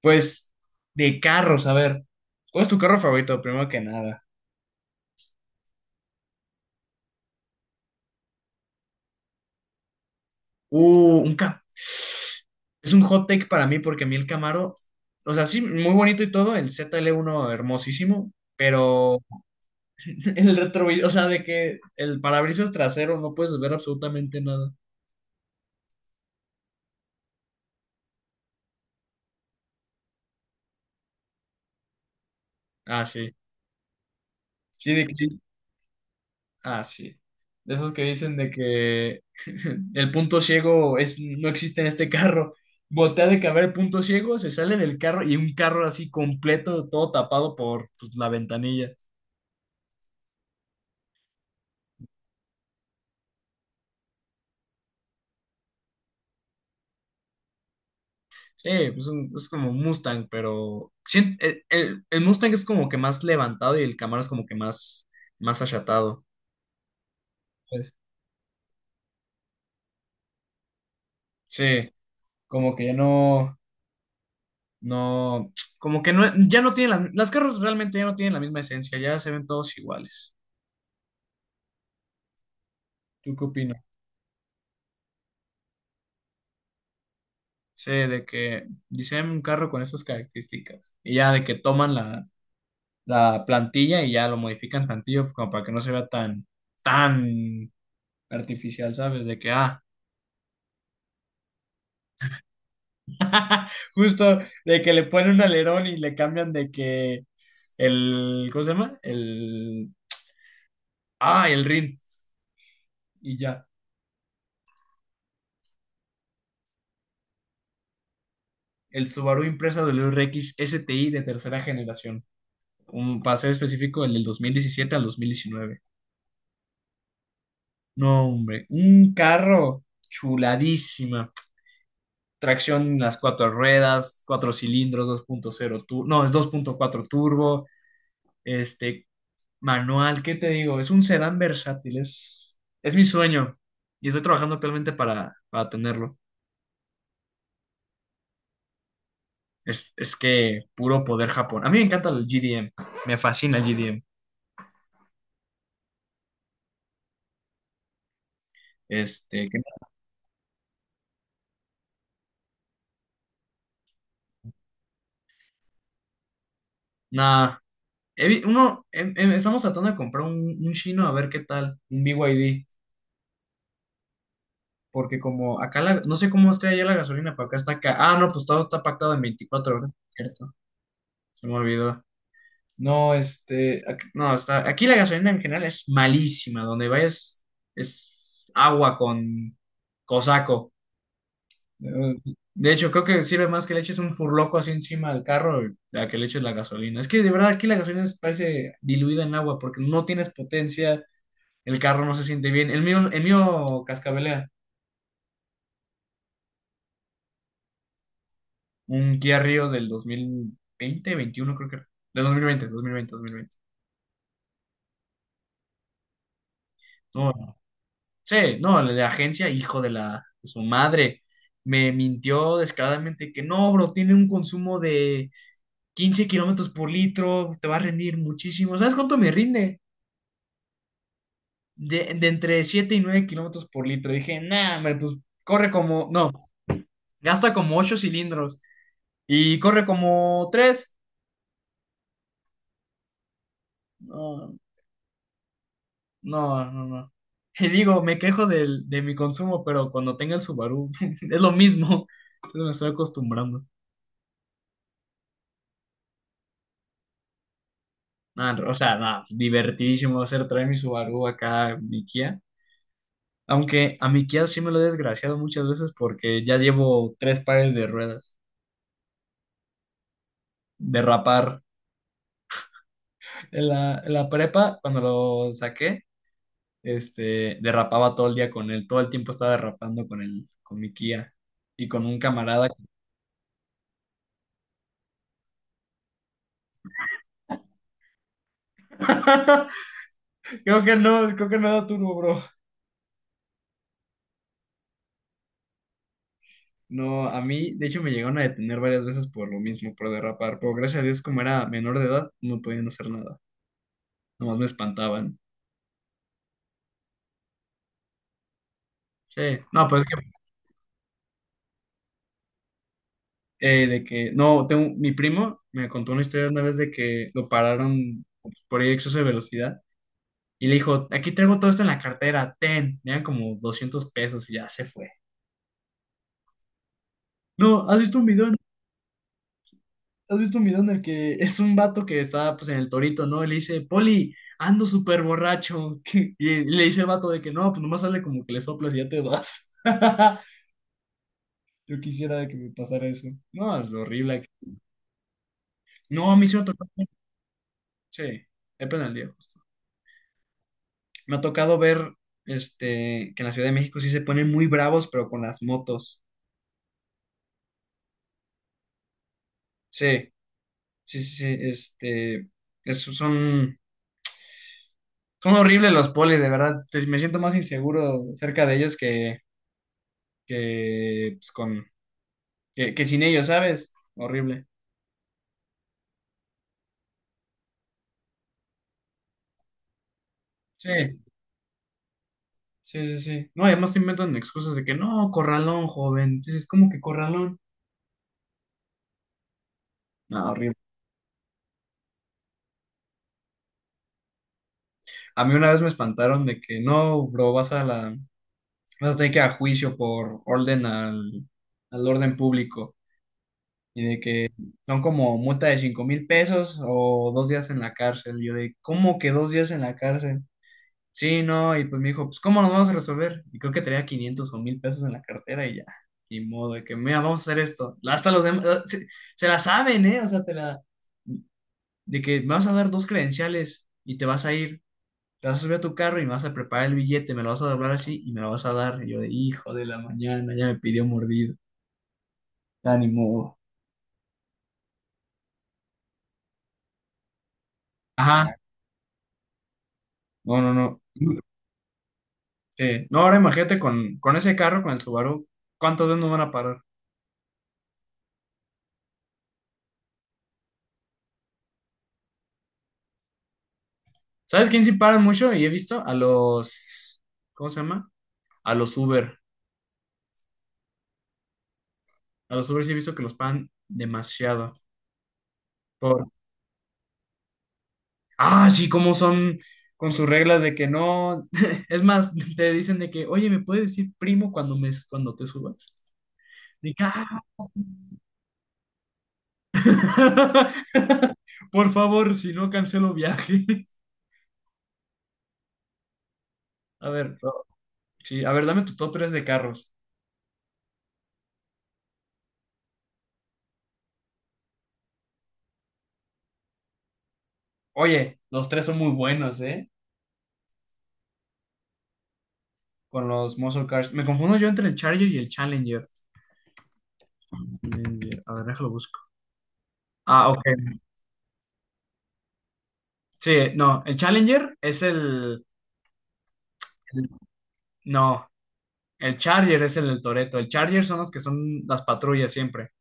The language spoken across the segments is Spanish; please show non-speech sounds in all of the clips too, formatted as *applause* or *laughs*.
Pues de carros, a ver, ¿cuál es tu carro favorito? Primero que nada. Uh, un Cam- es un hot take para mí porque a mí el Camaro, o sea, sí, muy bonito y todo, el ZL1 hermosísimo, pero *laughs* el retrovisor, o sea, de que el parabrisas trasero no puedes ver absolutamente nada. Ah, sí. Sí, de que. Ah, sí. De esos que dicen de que *laughs* el punto ciego es, no existe en este carro. Voltea de que a ver el punto ciego, se sale del carro y un carro así completo, todo tapado por pues, la ventanilla. Sí, pues, es como un Mustang, pero sí, el Mustang es como que más levantado y el Camaro es como que más, más achatado. Pues, sí, como que ya no, no, como que no, ya no tienen las carros realmente ya no tienen la misma esencia, ya se ven todos iguales. ¿Tú qué opinas? Sí, de que diseñan un carro con esas características. Y ya de que toman la plantilla y ya lo modifican tantillo pues, como para que no se vea tan, tan artificial, ¿sabes? De que, *laughs* justo de que le ponen un alerón y le cambian de que el, ¿cómo se llama? El, el RIN. Y ya, el Subaru Impreza del RX STI de tercera generación. Un paseo específico, el del 2017 al 2019. No, hombre, un carro chuladísima. Tracción en las cuatro ruedas, cuatro cilindros, 2.0 turbo, no, es 2.4 turbo, este, manual, ¿qué te digo? Es un sedán versátil, es mi sueño y estoy trabajando actualmente para tenerlo. Es que puro poder Japón. A mí me encanta el GDM, me fascina el GDM. Este, que- Nada, uno, estamos tratando de comprar un chino a ver qué tal, un BYD. Porque como acá, no sé cómo esté allá la gasolina, pero acá está acá. Ah, no, pues todo está pactado en 24 horas, ¿cierto? Se me olvidó. No. No, aquí la gasolina en general es malísima. Donde vayas es agua con cosaco. eh, De hecho, creo que sirve más que le eches un furloco así encima del carro a que le eches la gasolina. Es que de verdad aquí la gasolina parece diluida en agua porque no tienes potencia, el carro no se siente bien. El mío cascabelea. Un Kia Rio del dos mil veinte 21 creo que era. Del dos mil veinte dos mil veinte, dos mil veinte. No, sí, no, el de agencia, hijo de la de su madre. Me mintió descaradamente que no, bro, tiene un consumo de 15 kilómetros por litro, te va a rendir muchísimo. ¿Sabes cuánto me rinde? De entre 7 y 9 kilómetros por litro. Dije, nah, hombre, pues corre como, no, gasta como 8 cilindros y corre como 3. No, no, no. *laughs* Y digo, me quejo de mi consumo, pero cuando tenga el Subaru *laughs* es lo mismo. Entonces me estoy acostumbrando. Nada, o sea, nada, divertidísimo va a ser traer mi Subaru acá mi Kia. Aunque a mi Kia sí me lo he desgraciado muchas veces porque ya llevo tres pares de ruedas. Derrapar. En la prepa, cuando lo saqué, derrapaba todo el día con él. Todo el tiempo estaba derrapando con él, con mi Kia. Y con un camarada. *laughs* Creo que no era turbo, bro. No, a mí, de hecho, me llegaron a detener varias veces por lo mismo, por derrapar. Pero gracias a Dios, como era menor de edad, no podían hacer nada. Nomás me espantaban. Sí. No, pues es que, de que, no, tengo, mi primo me contó una historia una vez de que lo pararon por exceso de velocidad y le dijo, aquí traigo todo esto en la cartera, ten. Me dan como 200 pesos y ya se fue. No, ¿has visto un video en el que es un vato que está pues en el torito, ¿no? Y le dice, Poli, ando súper borracho. *laughs* Y le dice el vato de que no, pues nomás sale como que le soplas y ya te vas. *laughs* Yo quisiera que me pasara eso. No, es horrible. No, a mí sí me ha tocado. Sí, depende del día. Justo. Me ha tocado ver que en la Ciudad de México sí se ponen muy bravos, pero con las motos. Sí, sí, sí, sí. Es- son, son horribles los polis, de verdad. Me siento más inseguro cerca de ellos que, pues, con, que sin ellos, ¿sabes? Horrible. Sí, sí, sí, sí. No, y además te inventan excusas de que no, corralón, joven. Dices, ¿cómo que corralón? No, horrible. A mí una vez me espantaron de que no, bro, vas a tener que ir a juicio por orden al orden público. Y de que son como multa de 5,000 pesos o 2 días en la cárcel. Y yo de, ¿cómo que 2 días en la cárcel? Sí, no, y pues me dijo, pues ¿cómo nos vamos a resolver? Y creo que tenía 500 o 1,000 pesos en la cartera y ya, ni modo, de que, mira, vamos a hacer esto. Hasta los demás, se la saben, ¿eh? O sea, de que me vas a dar dos credenciales y te vas a ir, te vas a subir a tu carro y me vas a preparar el billete, me lo vas a doblar así y me lo vas a dar. Y yo de, hijo de la mañana, ya me pidió mordido, ya ni modo. Ajá, no, no, no. Sí. No, ahora imagínate con ese carro, con el Subaru, ¿cuántas veces nos van a parar? ¿Sabes quién sí paran mucho? Y he visto a los, ¿cómo se llama? A los Uber. A los Uber sí he visto que los pagan demasiado. Por, sí, cómo son con sus reglas de que no. *laughs* Es más, te dicen de que, oye, ¿me puedes decir primo cuando te subas? De que, "Ah". *laughs* Por favor, si no cancelo viaje. *laughs* A ver, no, sí, a ver, dame tu top 3 de carros. Oye, los tres son muy buenos, ¿eh? Con los muscle cars. Me confundo yo entre el Charger y el Challenger. Challenger. A ver, déjalo busco. Ah, ok. Sí, no, el Challenger es el- no, el Charger es el del Toretto. El Charger son los que son las patrullas siempre,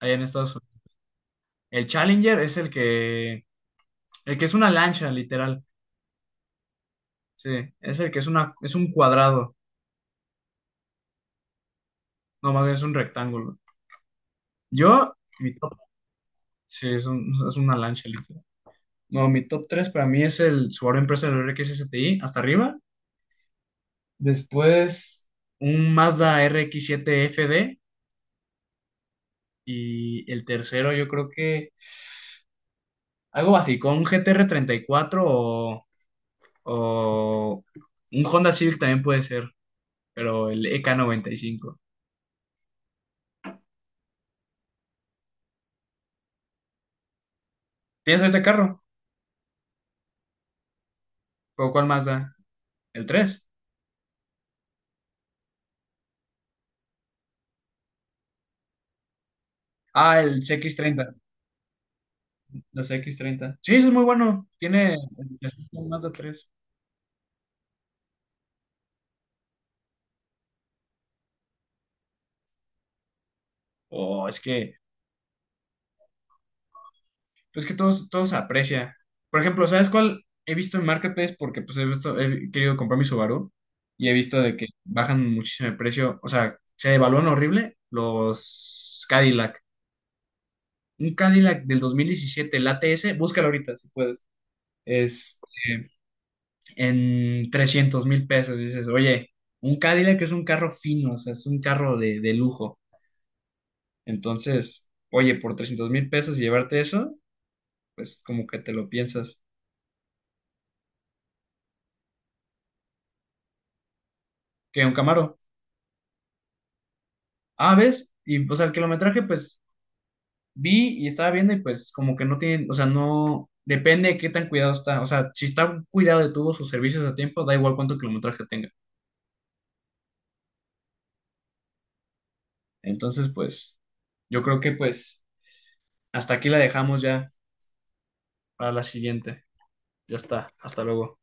allá en Estados Unidos. El Challenger es el que. El que es una lancha, literal. Sí, es el que es una. Es un cuadrado. No, más bien es un rectángulo. Yo, mi top. Sí, es una lancha, literal. No, mi top 3 para mí es el Subaru Impreza del RX-STI, hasta arriba. Después, un Mazda RX-7 FD. Y el tercero, yo creo que algo así, con un GTR cuatro o un Honda Civic también puede ser, pero el EK5. ¿Tienes este carro? ¿O cuál más da? ¿El tres? Ah, el CX-30. Los CX-30. Sí, ese es muy bueno. Tiene el Mazda 3. Oh, es que pues que todos aprecia. Por ejemplo, ¿sabes cuál he visto en Marketplace? Porque pues he visto, he querido comprar mi Subaru y he visto de que bajan muchísimo el precio. O sea, se devalúan horrible los Cadillac. Un Cadillac del 2017, el ATS, búscalo ahorita si puedes. Es en 300,000 pesos. Dices, oye, un Cadillac es un carro fino, o sea, es un carro de lujo. Entonces, oye, por 300,000 pesos y llevarte eso, pues como que te lo piensas. ¿Qué, un Camaro? Ah, ¿ves? Y, o sea, el kilometraje, pues, vi y estaba viendo y pues como que no tienen, o sea, no, depende de qué tan cuidado está. O sea, si está cuidado de tuvo sus servicios a tiempo, da igual cuánto kilometraje tenga. Entonces, pues, yo creo que pues hasta aquí la dejamos ya para la siguiente. Ya está, hasta luego.